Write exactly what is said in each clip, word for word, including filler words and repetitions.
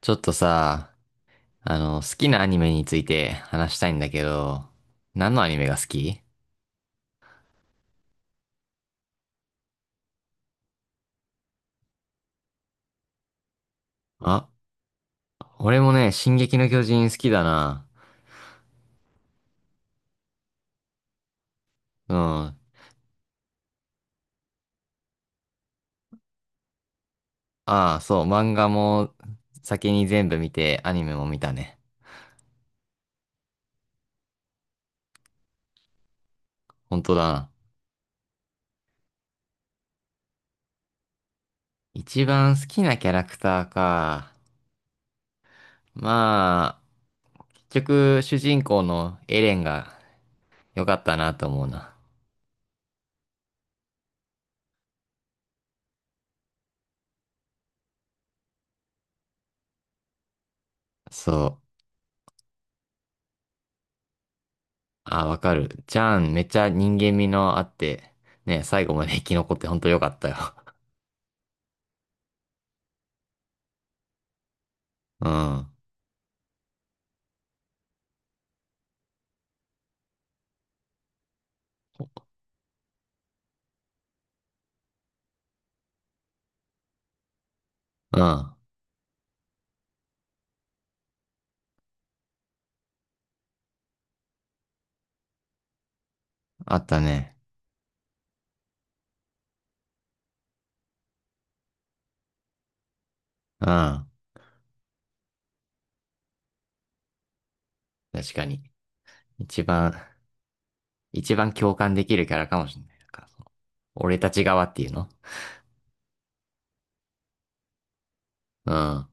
ちょっとさ、あの、好きなアニメについて話したいんだけど、何のアニメが好き？あ、俺もね、進撃の巨人好きだな。うん。ああ、そう、漫画も先に全部見て、アニメも見たね。本当だな。一番好きなキャラクターか。まあ、結局、主人公のエレンが良かったなと思うな。そう。あ、わかる。ジャン、めっちゃ人間味のあって、ね、最後まで生き残って本当良かったよ。うん。うん。あったね。うん。確かに。一番、一番共感できるキャラかもしれない。なんかその俺たち側っていうの。うん。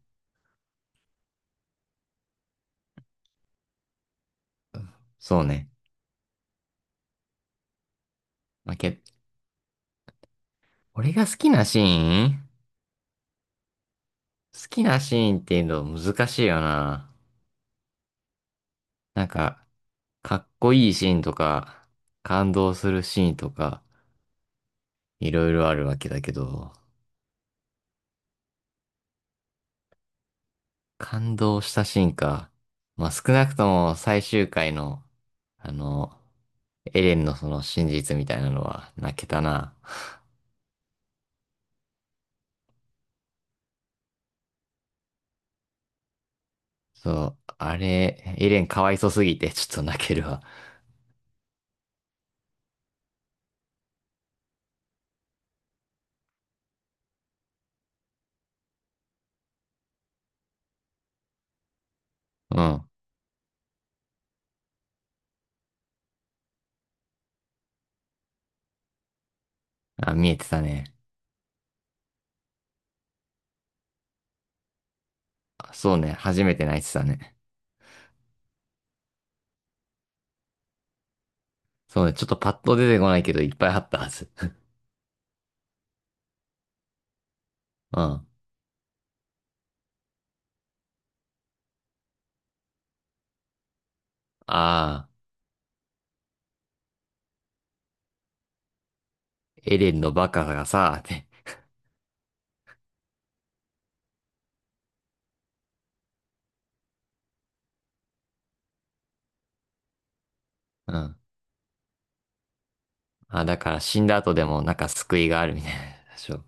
そうね。まあ、け、俺が好きなシーン、好きなシーンっていうの難しいよな。なんか、かっこいいシーンとか、感動するシーンとか、いろいろあるわけだけど、感動したシーンか。まあ、少なくとも最終回の、あの、エレンのその真実みたいなのは泣けたな。そう、あれ、エレンかわいそすぎてちょっと泣けるわ。うん。あ、見えてたね。あ、そうね、初めて泣いてたね。そうね、ちょっとパッと出てこないけどいっぱいあったはず。うん。ああ、エレンのバカがさ、って。うん。あ、だから死んだ後でもなんか救いがあるみたいな。そう。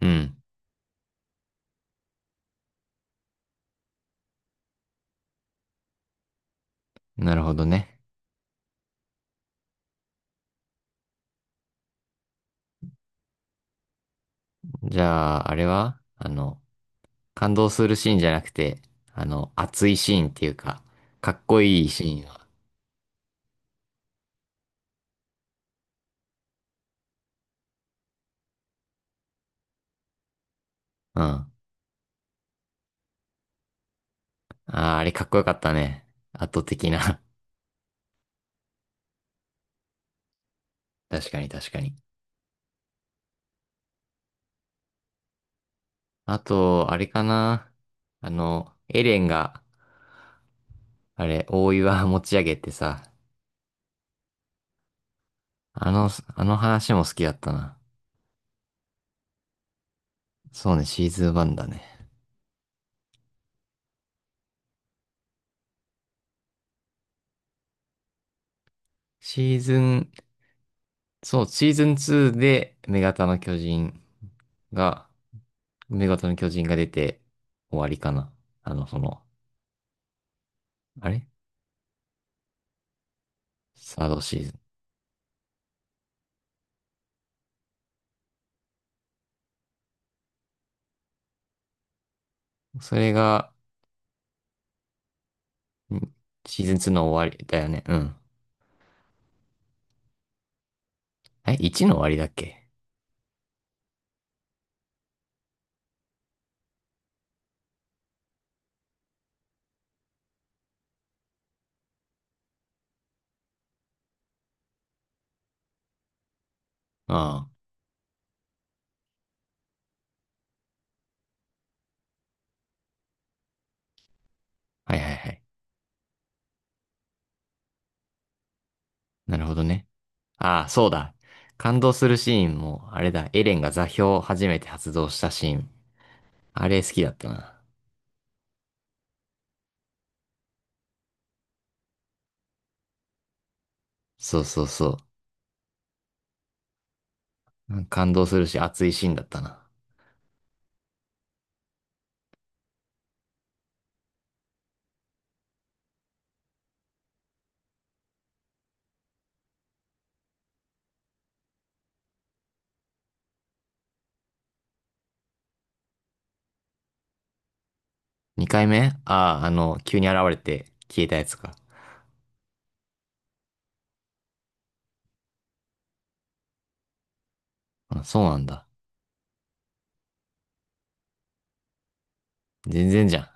うん。なるほどね。じゃあ、あれはあの、感動するシーンじゃなくて、あの、熱いシーンっていうか、かっこいいシーンを。うん。ああ、あれかっこよかったね。圧倒的な。確かに確かに。あと、あれかな。あの、エレンが、あれ、大岩持ち上げてさ、あの、あの話も好きだったな。そうね、シーズンワンだね。シーズン、そう、シーズンツーで、女型の巨人が、女型の巨人が出て終わりかな。あの、その、あれサードシーズン。それが、ん、シーズンツーの終わりだよね。うん。え、いちの終わりだっけ？ああ、はいはいはい。なるほどね。ああ、そうだ。感動するシーンも、あれだ、エレンが座標を初めて発動したシーン。あれ好きだったな。そうそうそう。うん、感動するし、熱いシーンだったな。二回目、ああ、あの、急に現れて消えたやつか。あ、そうなんだ。全然じゃ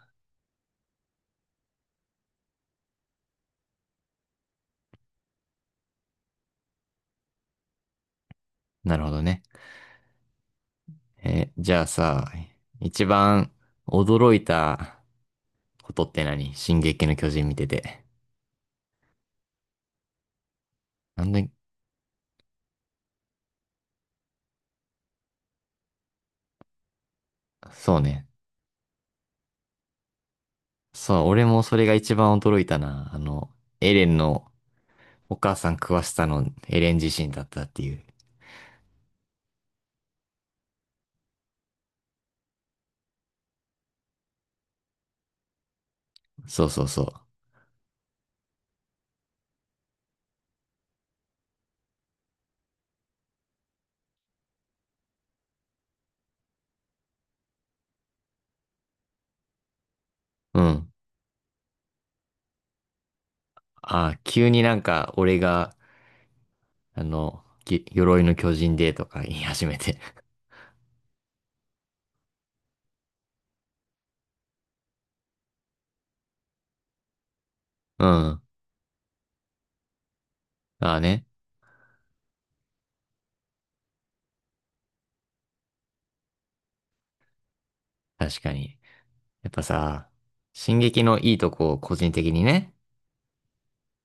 ん。なるほどね。え、じゃあさ、一番驚いたことって何、進撃の巨人見てて。なんで、そうね。そう、俺もそれが一番驚いたな。あの、エレンのお母さん食わしたのエレン自身だったっていう。そうそうそう。うん。あ、急になんか俺が、あの、ぎ鎧の巨人でとか言い始めて。うん。ああね。確かに。やっぱさ、進撃のいいとこを個人的にね。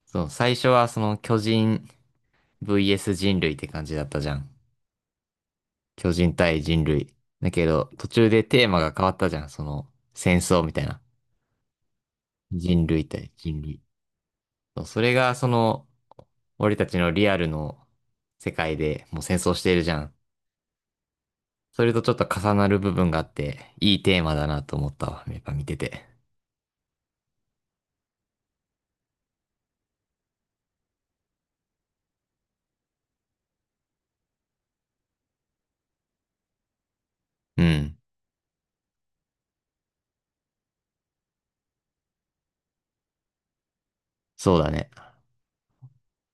そう、最初はその巨人 ブイエス 人類って感じだったじゃん。巨人対人類。だけど、途中でテーマが変わったじゃん。その、戦争みたいな。人類対人類。そうそれがその、俺たちのリアルの世界でもう戦争しているじゃん。それとちょっと重なる部分があって、いいテーマだなと思ったわ。やっぱ見てて。うん。そうだね。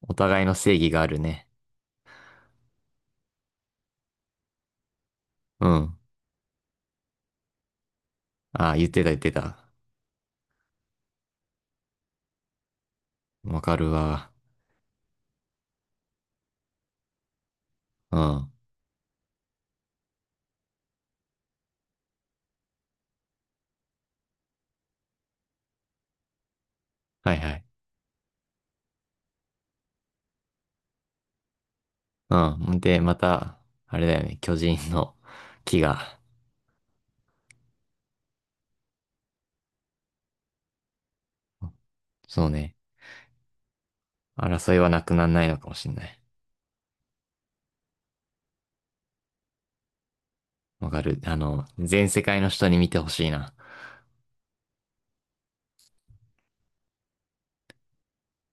お互いの正義があるね。うん。ああ、言ってた言ってた。わかるわ。うん。はいはい。うん。で、また、あれだよね。巨人の木が。そうね。争いはなくならないのかもしれない。わかる。あの、全世界の人に見てほしいな。